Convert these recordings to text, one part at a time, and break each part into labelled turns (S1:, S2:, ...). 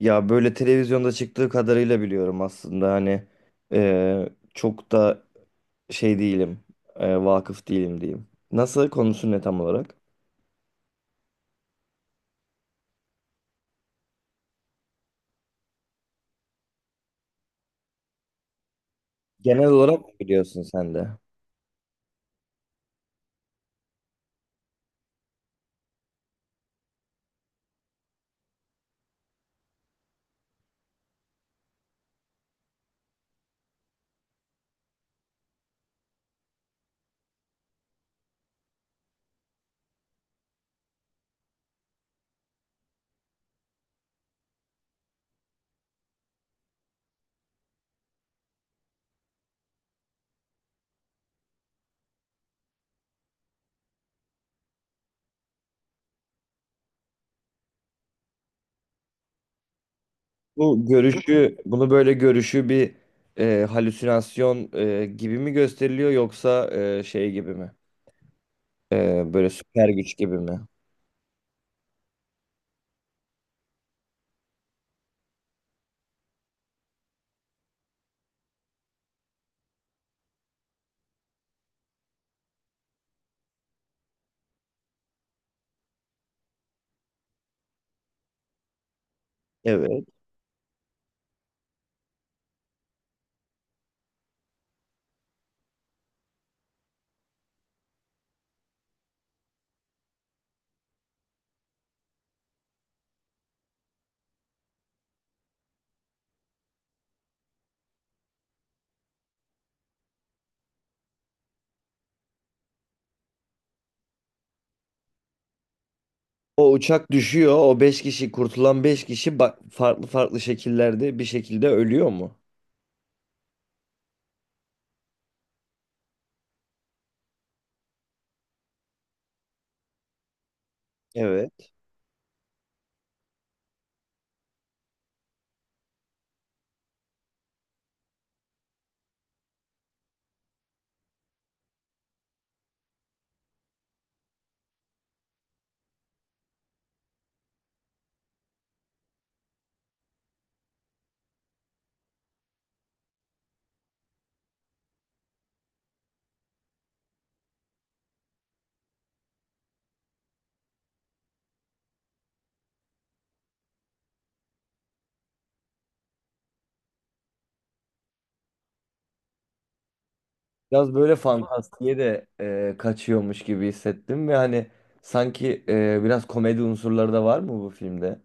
S1: Ya böyle televizyonda çıktığı kadarıyla biliyorum aslında hani e, çok da şey değilim, vakıf değilim diyeyim. Nasıl konusu ne tam olarak? Genel olarak mı biliyorsun sen de? Bu görüşü, bunu böyle görüşü bir halüsinasyon gibi mi gösteriliyor yoksa şey gibi mi? Böyle süper güç gibi mi? Evet. O uçak düşüyor. O beş kişi kurtulan beş kişi farklı farklı şekillerde bir şekilde ölüyor mu? Evet. Biraz böyle fantastiğe de kaçıyormuş gibi hissettim ve hani sanki biraz komedi unsurları da var mı bu filmde?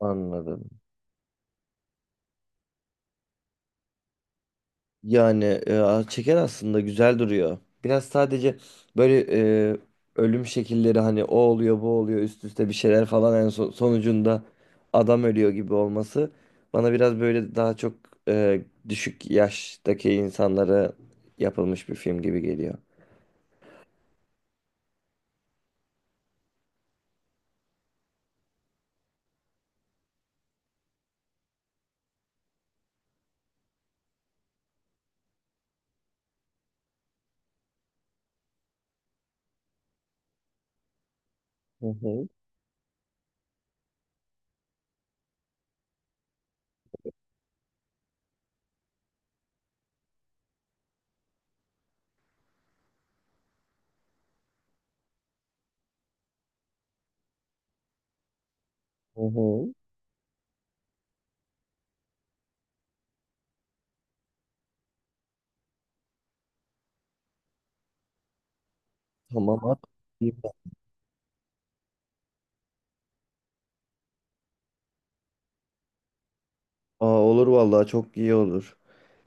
S1: Anladım. Yani çeker aslında güzel duruyor. Biraz sadece böyle e, ölüm şekilleri hani o oluyor bu oluyor üst üste bir şeyler falan en son, sonucunda adam ölüyor gibi olması bana biraz böyle daha çok e, düşük yaştaki insanlara yapılmış bir film gibi geliyor. Hı hı. Hı hı. Tamam at. İyi. Aa, olur vallahi çok iyi olur.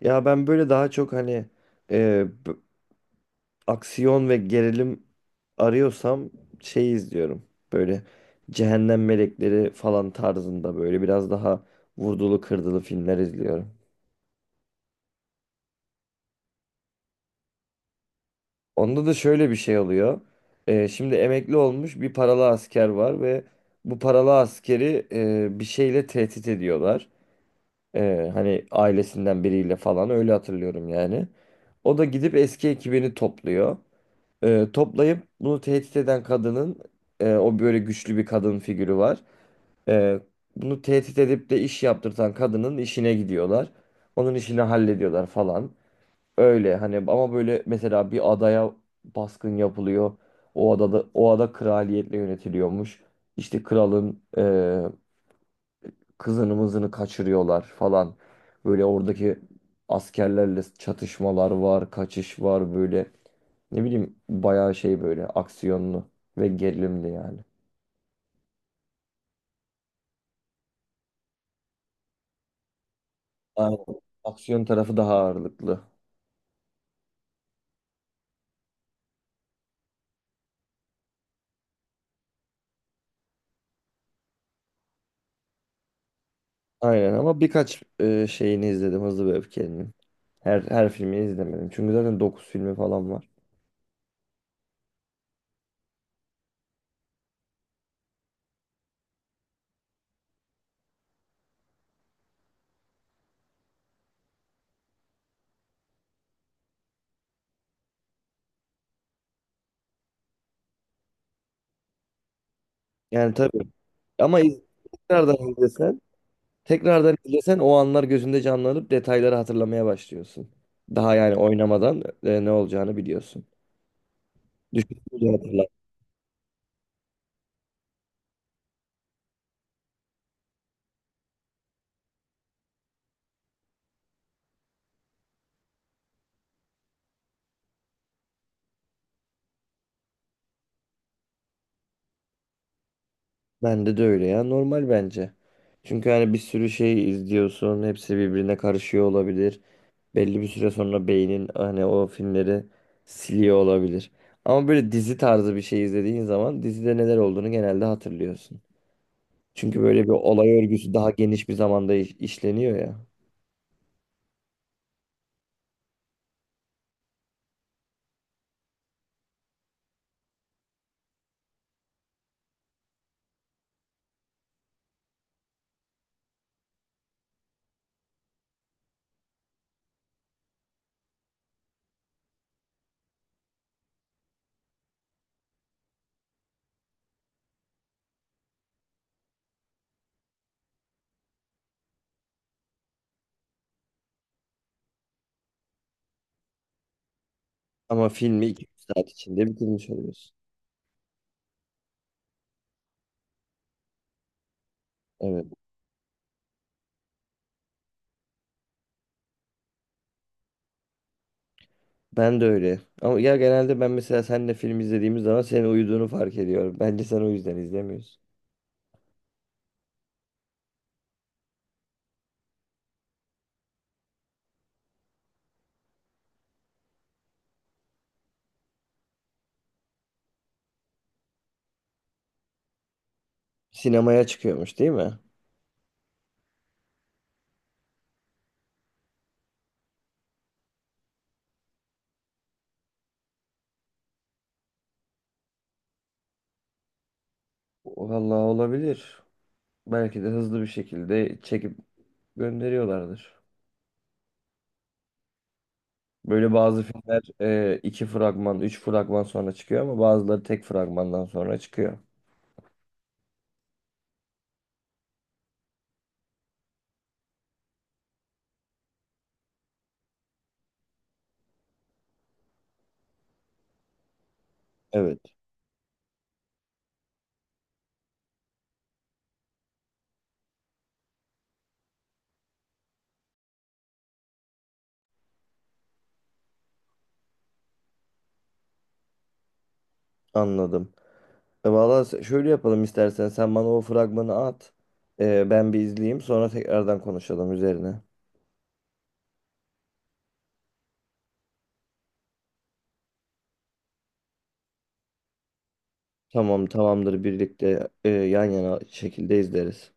S1: Ya ben böyle daha çok hani aksiyon ve gerilim arıyorsam şey izliyorum. Böyle Cehennem Melekleri falan tarzında böyle biraz daha vurdulu kırdılı filmler izliyorum. Onda da şöyle bir şey oluyor. Şimdi emekli olmuş bir paralı asker var ve bu paralı askeri bir şeyle tehdit ediyorlar. Hani ailesinden biriyle falan öyle hatırlıyorum yani. O da gidip eski ekibini topluyor. Toplayıp bunu tehdit eden kadının o böyle güçlü bir kadın figürü var. Ee, Bunu tehdit edip de iş yaptırtan kadının işine gidiyorlar. Onun işini hallediyorlar falan. Öyle hani ama böyle mesela bir adaya baskın yapılıyor. O adada o ada kraliyetle yönetiliyormuş. İşte kralın kızını mızını kaçırıyorlar falan. Böyle oradaki askerlerle çatışmalar var, kaçış var böyle. Ne bileyim bayağı şey böyle aksiyonlu ve gerilimli yani. Aynen. Aksiyon tarafı daha ağırlıklı. Aynen ama birkaç şeyini izledim Hızlı ve Öfkeli'nin. Her filmini izlemedim. Çünkü zaten 9 filmi falan var. Yani tabii. Ama iz- Tekrardan izlesen, tekrardan izlesen o anlar gözünde canlanıp detayları hatırlamaya başlıyorsun. Daha yani oynamadan ne olacağını biliyorsun. Düşününce hatırla. Bende de öyle ya. Normal bence. Çünkü hani bir sürü şey izliyorsun. Hepsi birbirine karışıyor olabilir. Belli bir süre sonra beynin hani o filmleri siliyor olabilir. Ama böyle dizi tarzı bir şey izlediğin zaman dizide neler olduğunu genelde hatırlıyorsun. Çünkü böyle bir olay örgüsü daha geniş bir zamanda işleniyor ya. Ama filmi 2 saat içinde bitirmiş oluyorsun. Evet. Ben de öyle. Ama ya genelde ben mesela seninle film izlediğimiz zaman senin uyuduğunu fark ediyorum. Bence sen o yüzden izlemiyorsun. Sinemaya çıkıyormuş değil mi? Vallahi olabilir. Belki de hızlı bir şekilde çekip gönderiyorlardır. Böyle bazı filmler iki fragman, üç fragman sonra çıkıyor ama bazıları tek fragmandan sonra çıkıyor. Evet. Anladım. Şöyle yapalım istersen. Sen bana o fragmanı at. Ben bir izleyeyim. Sonra tekrardan konuşalım üzerine. Tamam, tamamdır. Birlikte yan yana şekilde izleriz.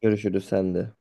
S1: Görüşürüz sen de.